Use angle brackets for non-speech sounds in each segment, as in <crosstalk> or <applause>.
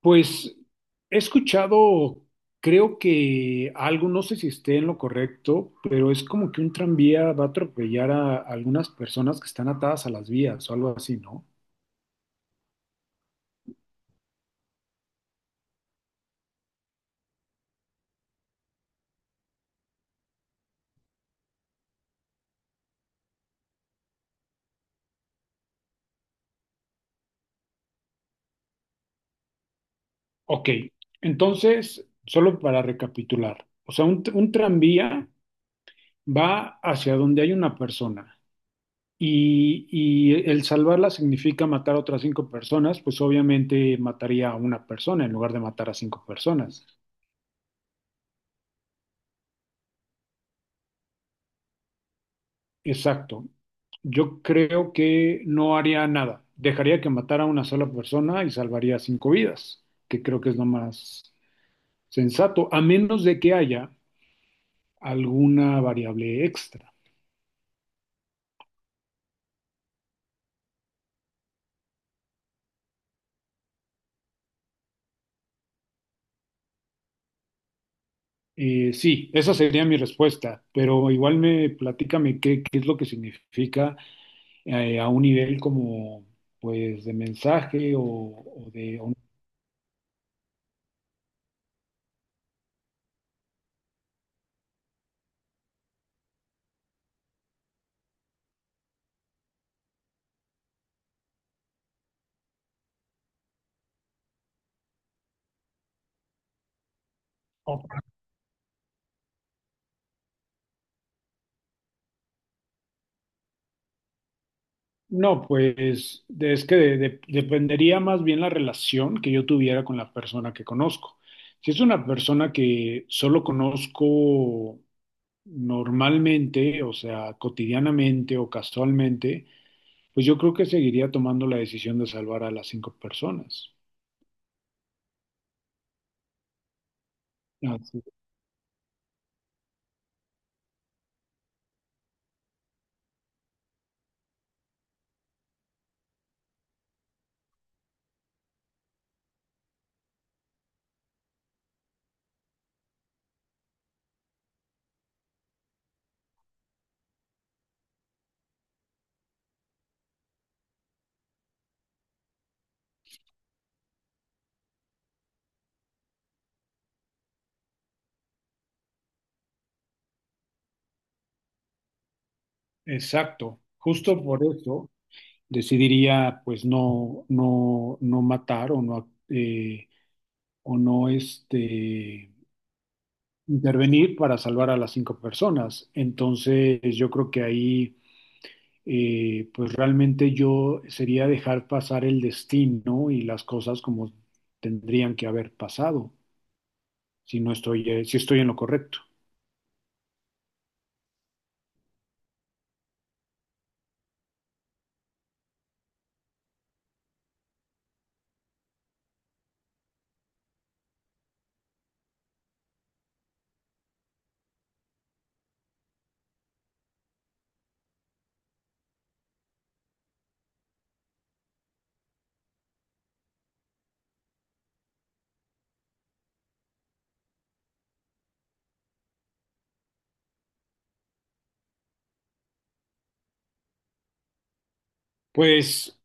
Pues he escuchado, creo que algo, no sé si esté en lo correcto, pero es como que un tranvía va a atropellar a algunas personas que están atadas a las vías o algo así, ¿no? Ok, entonces, solo para recapitular, o sea, un tranvía va hacia donde hay una persona y el salvarla significa matar a otras cinco personas, pues obviamente mataría a una persona en lugar de matar a cinco personas. Exacto. Yo creo que no haría nada. Dejaría que matara a una sola persona y salvaría cinco vidas, que creo que es lo más sensato, a menos de que haya alguna variable extra. Sí, esa sería mi respuesta, pero igual me platícame qué es lo que significa a un nivel como pues de mensaje o de... o- No, pues es que dependería más bien la relación que yo tuviera con la persona que conozco. Si es una persona que solo conozco normalmente, o sea, cotidianamente o casualmente, pues yo creo que seguiría tomando la decisión de salvar a las cinco personas. Así, exacto. Justo por eso decidiría, pues no, no, no matar eh, o no, intervenir para salvar a las cinco personas. Entonces, yo creo que ahí, pues realmente yo sería dejar pasar el destino y las cosas como tendrían que haber pasado, si estoy en lo correcto. Pues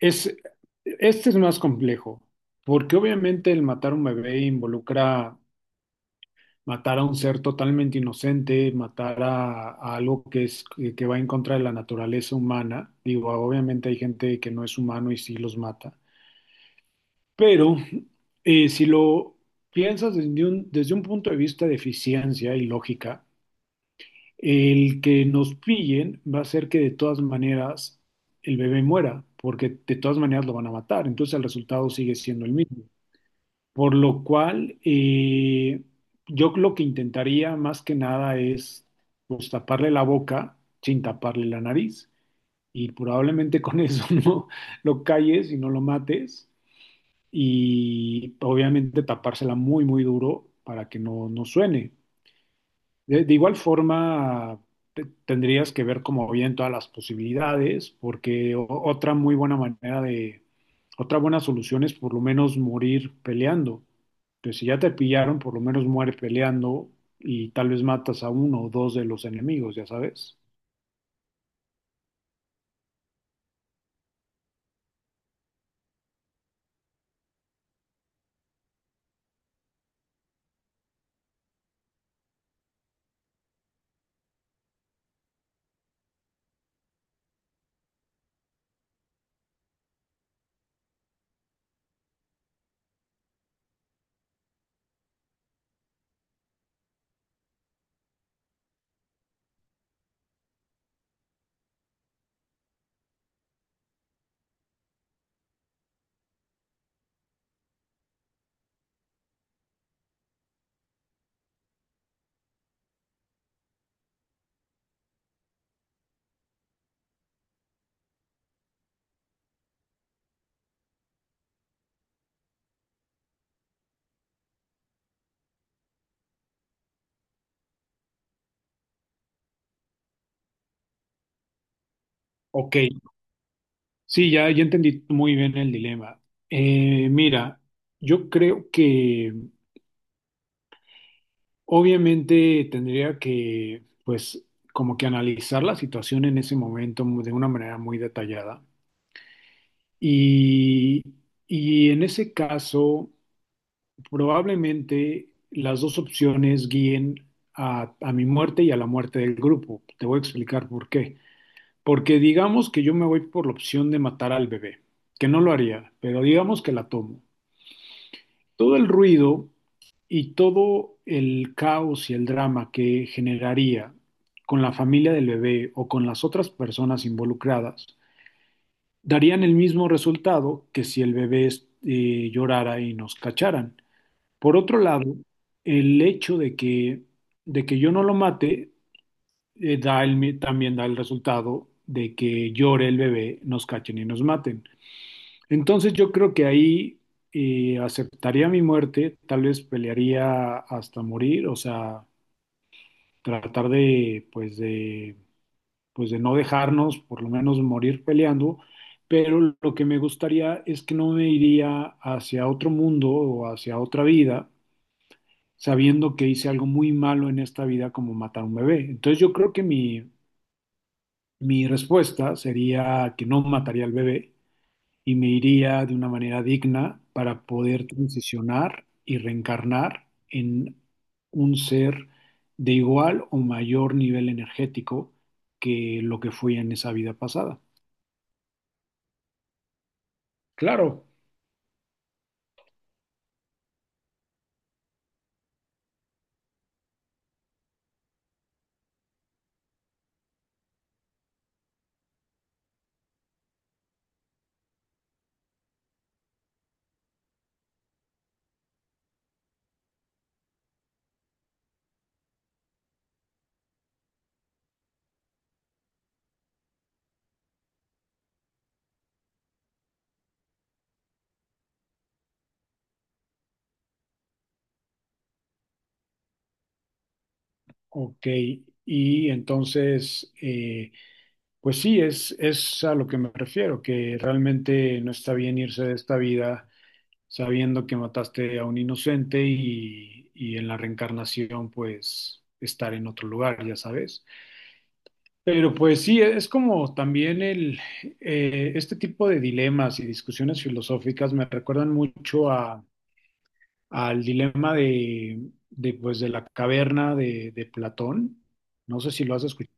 es, este es más complejo, porque obviamente el matar a un bebé involucra matar a un ser totalmente inocente, matar a algo que es que va en contra de la naturaleza humana. Digo, obviamente hay gente que no es humano y sí los mata, pero si lo piensas desde un punto de vista de eficiencia y lógica, el que nos pillen va a ser que de todas maneras el bebé muera, porque de todas maneras lo van a matar, entonces el resultado sigue siendo el mismo. Por lo cual, yo lo que intentaría más que nada es pues, taparle la boca sin taparle la nariz. Y probablemente con eso <laughs> no lo calles y no lo mates. Y obviamente tapársela muy, muy duro para que no, no suene. De igual forma, tendrías que ver como bien todas las posibilidades, porque otra muy buena manera de, otra buena solución es por lo menos morir peleando. Entonces, si ya te pillaron, por lo menos muere peleando y tal vez matas a uno o dos de los enemigos, ya sabes. Ok, sí, ya, ya entendí muy bien el dilema. Mira, yo creo que obviamente tendría que, pues, como que analizar la situación en ese momento de una manera muy detallada. Y, y en ese caso, probablemente las dos opciones guíen a mi muerte y a la muerte del grupo. Te voy a explicar por qué. Porque digamos que yo me voy por la opción de matar al bebé, que no lo haría, pero digamos que la tomo. Todo el ruido y todo el caos y el drama que generaría con la familia del bebé o con las otras personas involucradas darían el mismo resultado que si el bebé llorara y nos cacharan. Por otro lado, el hecho de que yo no lo mate también da el resultado de que llore el bebé, nos cachen y nos maten. Entonces yo creo que ahí aceptaría mi muerte, tal vez pelearía hasta morir, o sea, tratar de, pues de, pues de no dejarnos, por lo menos morir peleando, pero lo que me gustaría es que no me iría hacia otro mundo o hacia otra vida, sabiendo que hice algo muy malo en esta vida como matar a un bebé. Entonces yo creo que mi respuesta sería que no mataría al bebé y me iría de una manera digna para poder transicionar y reencarnar en un ser de igual o mayor nivel energético que lo que fui en esa vida pasada. Claro, ok. Y entonces, pues sí, es a lo que me refiero, que realmente no está bien irse de esta vida sabiendo que mataste a un inocente y en la reencarnación, pues estar en otro lugar, ya sabes. Pero pues sí, es como también el, este tipo de dilemas y discusiones filosóficas me recuerdan mucho a, al dilema pues, de la caverna de Platón. No sé si lo has escuchado.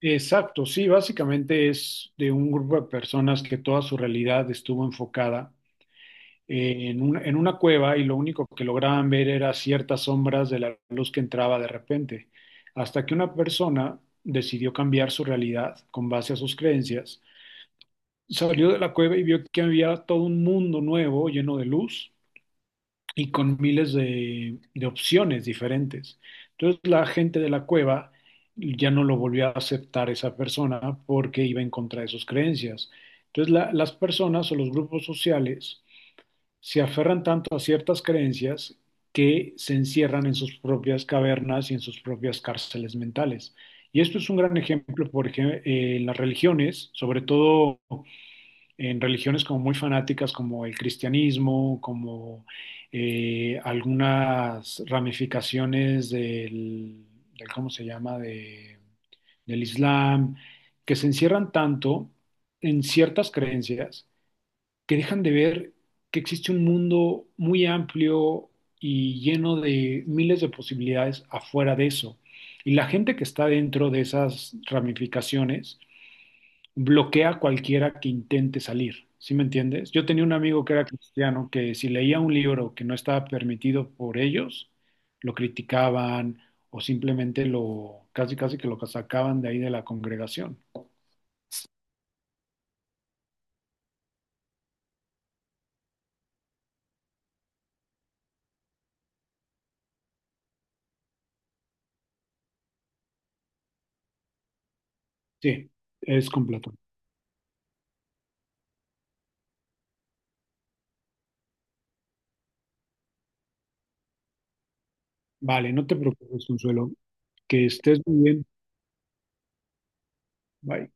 Exacto, sí, básicamente es de un grupo de personas que toda su realidad estuvo enfocada en en una cueva y lo único que lograban ver era ciertas sombras de la luz que entraba de repente, hasta que una persona decidió cambiar su realidad con base a sus creencias. Salió de la cueva y vio que había todo un mundo nuevo lleno de luz y con miles de opciones diferentes. Entonces la gente de la cueva ya no lo volvió a aceptar esa persona porque iba en contra de sus creencias. Entonces las personas o los grupos sociales se aferran tanto a ciertas creencias que se encierran en sus propias cavernas y en sus propias cárceles mentales. Y esto es un gran ejemplo, por ejemplo, en las religiones, sobre todo en religiones como muy fanáticas, como el cristianismo, como algunas ramificaciones ¿cómo se llama?, del Islam, que se encierran tanto en ciertas creencias que dejan de ver que existe un mundo muy amplio y lleno de miles de posibilidades afuera de eso. Y la gente que está dentro de esas ramificaciones bloquea a cualquiera que intente salir. ¿Sí me entiendes? Yo tenía un amigo que era cristiano que si leía un libro que no estaba permitido por ellos, lo criticaban o simplemente lo casi casi que lo sacaban de ahí de la congregación. Sí, es completo. Vale, no te preocupes, Consuelo. Que estés muy bien. Bye.